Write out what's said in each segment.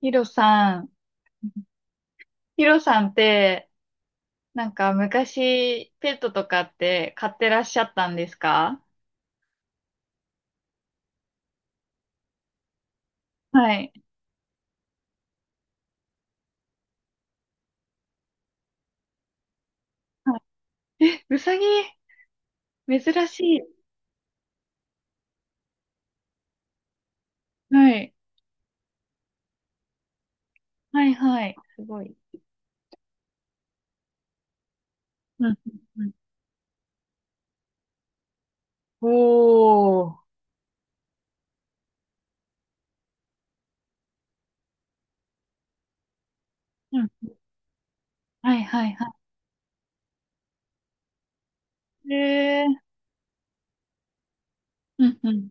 ヒロさん、ヒロさんって、なんか昔ペットとかって飼ってらっしゃったんですか？はい。はい。え、うさぎ、珍しい。はい。はいはい。すごい。うん。うんうん。おー。うん。はいはいはい。えー。うんうん。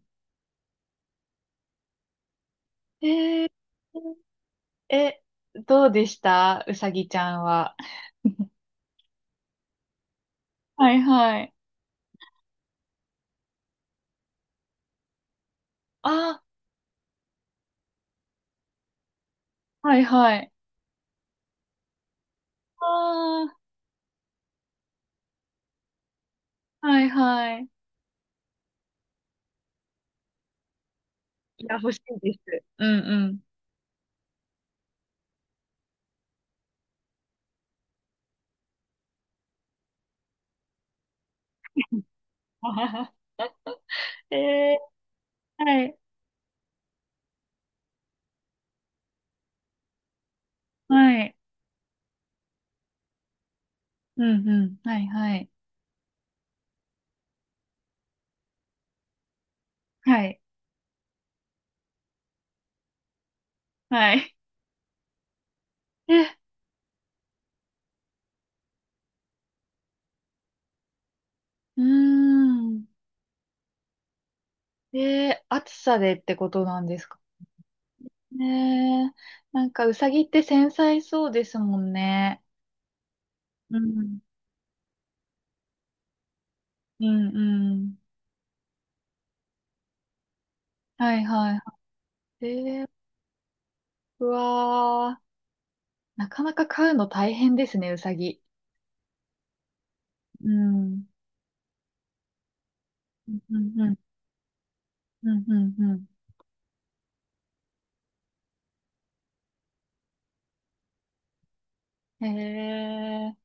えー。え、どうでしたうさぎちゃんは？はいはい。あ、はいはい。あー、はいはい。いや、欲しいです。うんうん。ええ、はい、はい、うんうん、はい、はい、はい、はい。え、うーん。え、暑さでってことなんですか？ねえ、なんかうさぎって繊細そうですもんね。うん、うん、うん。はいはいはい。えー、うわー、なかなか飼うの大変ですね、うさぎ。うん、うん、うん、うん、うん。うんうん。へえ、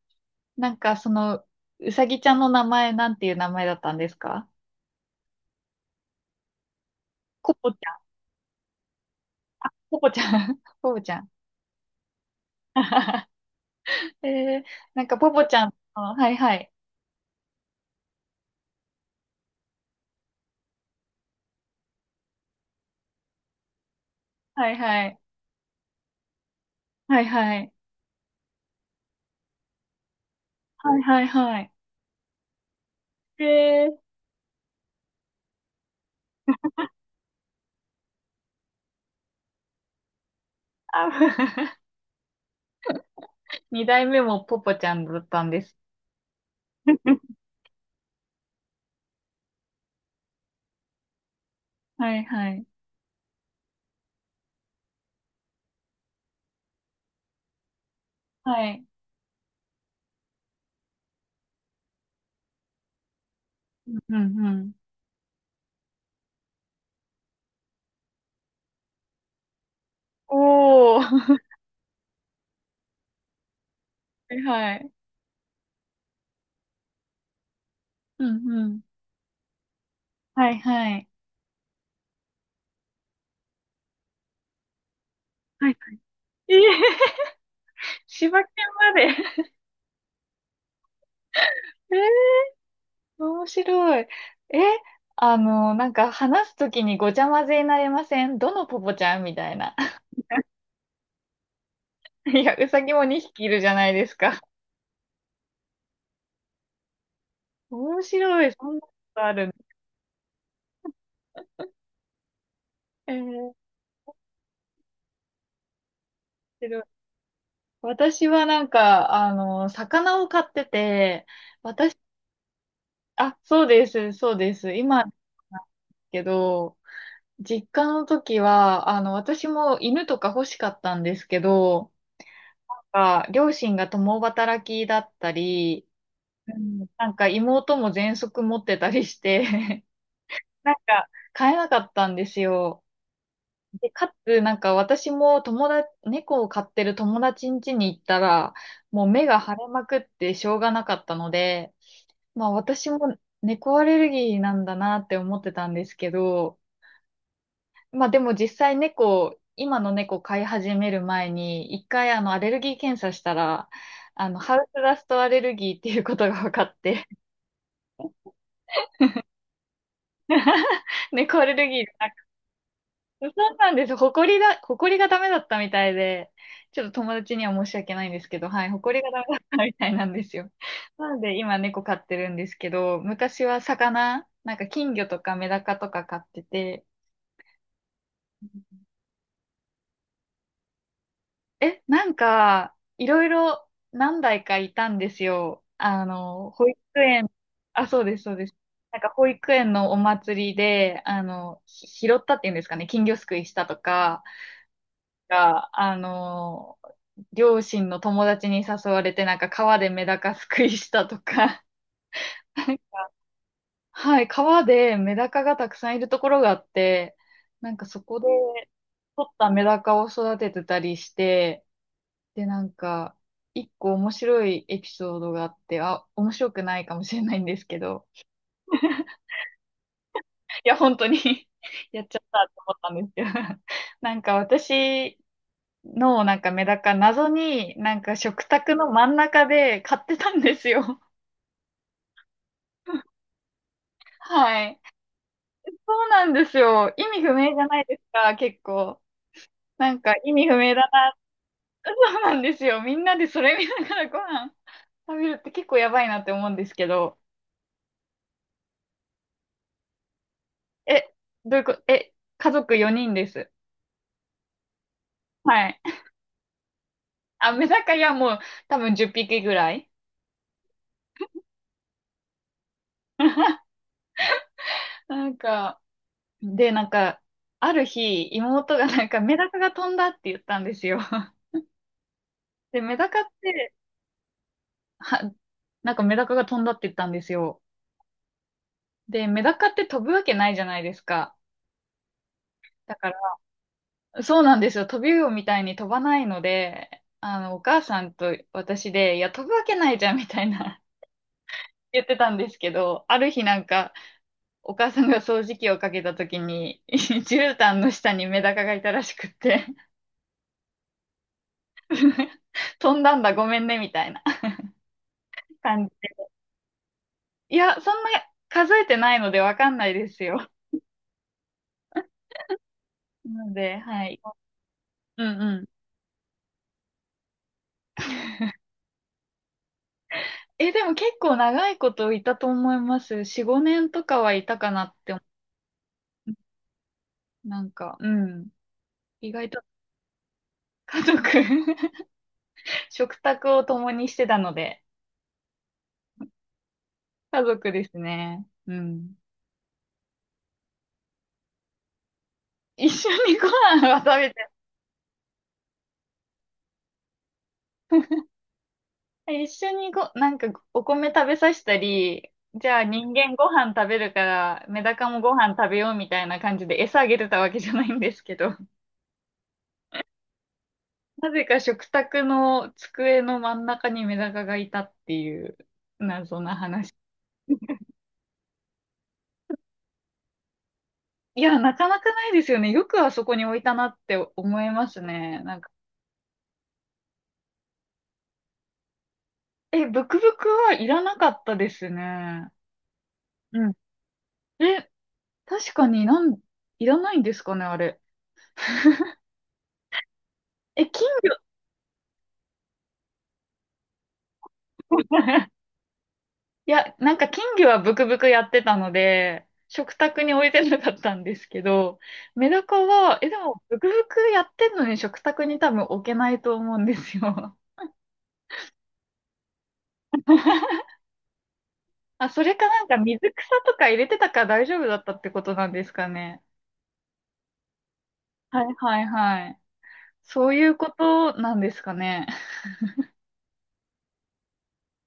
なんかその、うさぎちゃんの名前なんていう名前だったんですか？ポポちゃん、ポポちゃん、ポポちゃん。えー、なんかポポちゃんの、はいはい、はいはい、はいはい、はいはいはい。えー、あ、2代目もポポちゃんだったんです。はいはい、はい。うんうん。おー、はいはい、うんうん。はいはい、はい。えー、柴犬まで。えー、面白い。え、なんか話すときにごちゃ混ぜになりません？どのポポちゃんみたいな。いや、うさぎも2匹いるじゃないですか。面白い。そんなことあるの？えー、面白い。私はなんか、魚を飼ってて、私、あ、そうです、そうです。今、けど、実家の時は、私も犬とか欲しかったんですけど、なんか両親が共働きだったり、うん、なんか妹も喘息持ってたりして、なんか飼えなかったんですよ。で、かつ、なんか私も友達、猫を飼ってる友達ん家に行ったら、もう目が腫れまくってしょうがなかったので、まあ私も猫アレルギーなんだなって思ってたんですけど、まあでも実際猫、今の猫飼い始める前に、1回アレルギー検査したら、ハウスダストアレルギーっていうことが分かって、猫アレルギーじゃな、そうなんです。ほこりだ、ほこりがダメだったみたいで、ちょっと友達には申し訳ないんですけど、はい、ほこりがダメだったみたいなんですよ。なんで今猫飼ってるんですけど、昔は魚、なんか金魚とかメダカとか飼ってて、え、なんか、いろいろ何台かいたんですよ。保育園、あ、そうです、そうです。なんか保育園のお祭りで、拾ったっていうんですかね、金魚すくいしたとか、が、両親の友達に誘われて、なんか川でメダカすくいしたとか、なんか、はい、川でメダカがたくさんいるところがあって、なんかそこで取ったメダカを育ててたりして、で、なんか、1個面白いエピソードがあって、あ、面白くないかもしれないんですけど、いや、本当に やっちゃったと思ったんですけど、なんか私のなんかメダカ、謎になんか食卓の真ん中で買ってたんですよ。はい。そうなんですよ。意味不明じゃないですか、結構。なんか意味不明だな。そうなんですよ。みんなでそれ見ながらご飯食べるって結構やばいなって思うんですけど。え、どういうこと、え、家族4人です。はい。あ、メダカやもう多分10匹ぐらい。なんか、で、なんか、ある日、妹がなんかメダカが飛んだって言ったんですよ。で、メダカって、は、なんかメダカが飛んだって言ったんですよ。で、メダカって飛ぶわけないじゃないですか。だから、そうなんですよ。飛び魚みたいに飛ばないので、お母さんと私で、いや、飛ぶわけないじゃんみたいな 言ってたんですけど、ある日なんか、お母さんが掃除機をかけた時に、絨毯の下にメダカがいたらしくって、飛んだんだ、ごめんね、みたいな感じで。いや、そんな数えてないのでわかんないですよ。なので、はい。うんうん。え、でも結構長いこといたと思います。4、5年とかはいたかなって思う。なんか、うん。意外と家族 食卓を共にしてたので、家族ですね。うん。一緒にご飯は食べて、一緒にご、なんかお米食べさせたり、じゃあ人間ご飯食べるから、メダカもご飯食べようみたいな感じで餌あげてたわけじゃないんですけど、なぜか食卓の机の真ん中にメダカがいたっていう謎な話。いや、なかなかないですよね。よくあそこに置いたなって思いますね。なんか、え、ブクブクはいらなかったですね。うん。え、確かになん、いらないんですかね、あれ。え、金魚 いや、なんか金魚はブクブクやってたので、食卓に置いてなかったんですけど、メダカは、え、でも、ブクブクやってんのに食卓に多分置けないと思うんですよ。あ、それかなんか水草とか入れてたから大丈夫だったってことなんですかね。はいはいはい。そういうことなんですかね。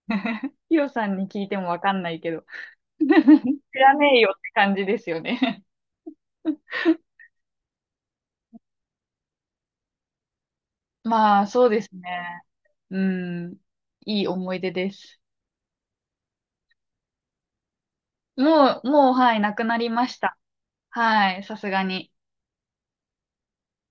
ヒロさんに聞いてもわかんないけど。知らねえよって感じですよね。まあ、そうですね。うん。いい思い出です。もう、もう、はい、なくなりました。はい、さすがに。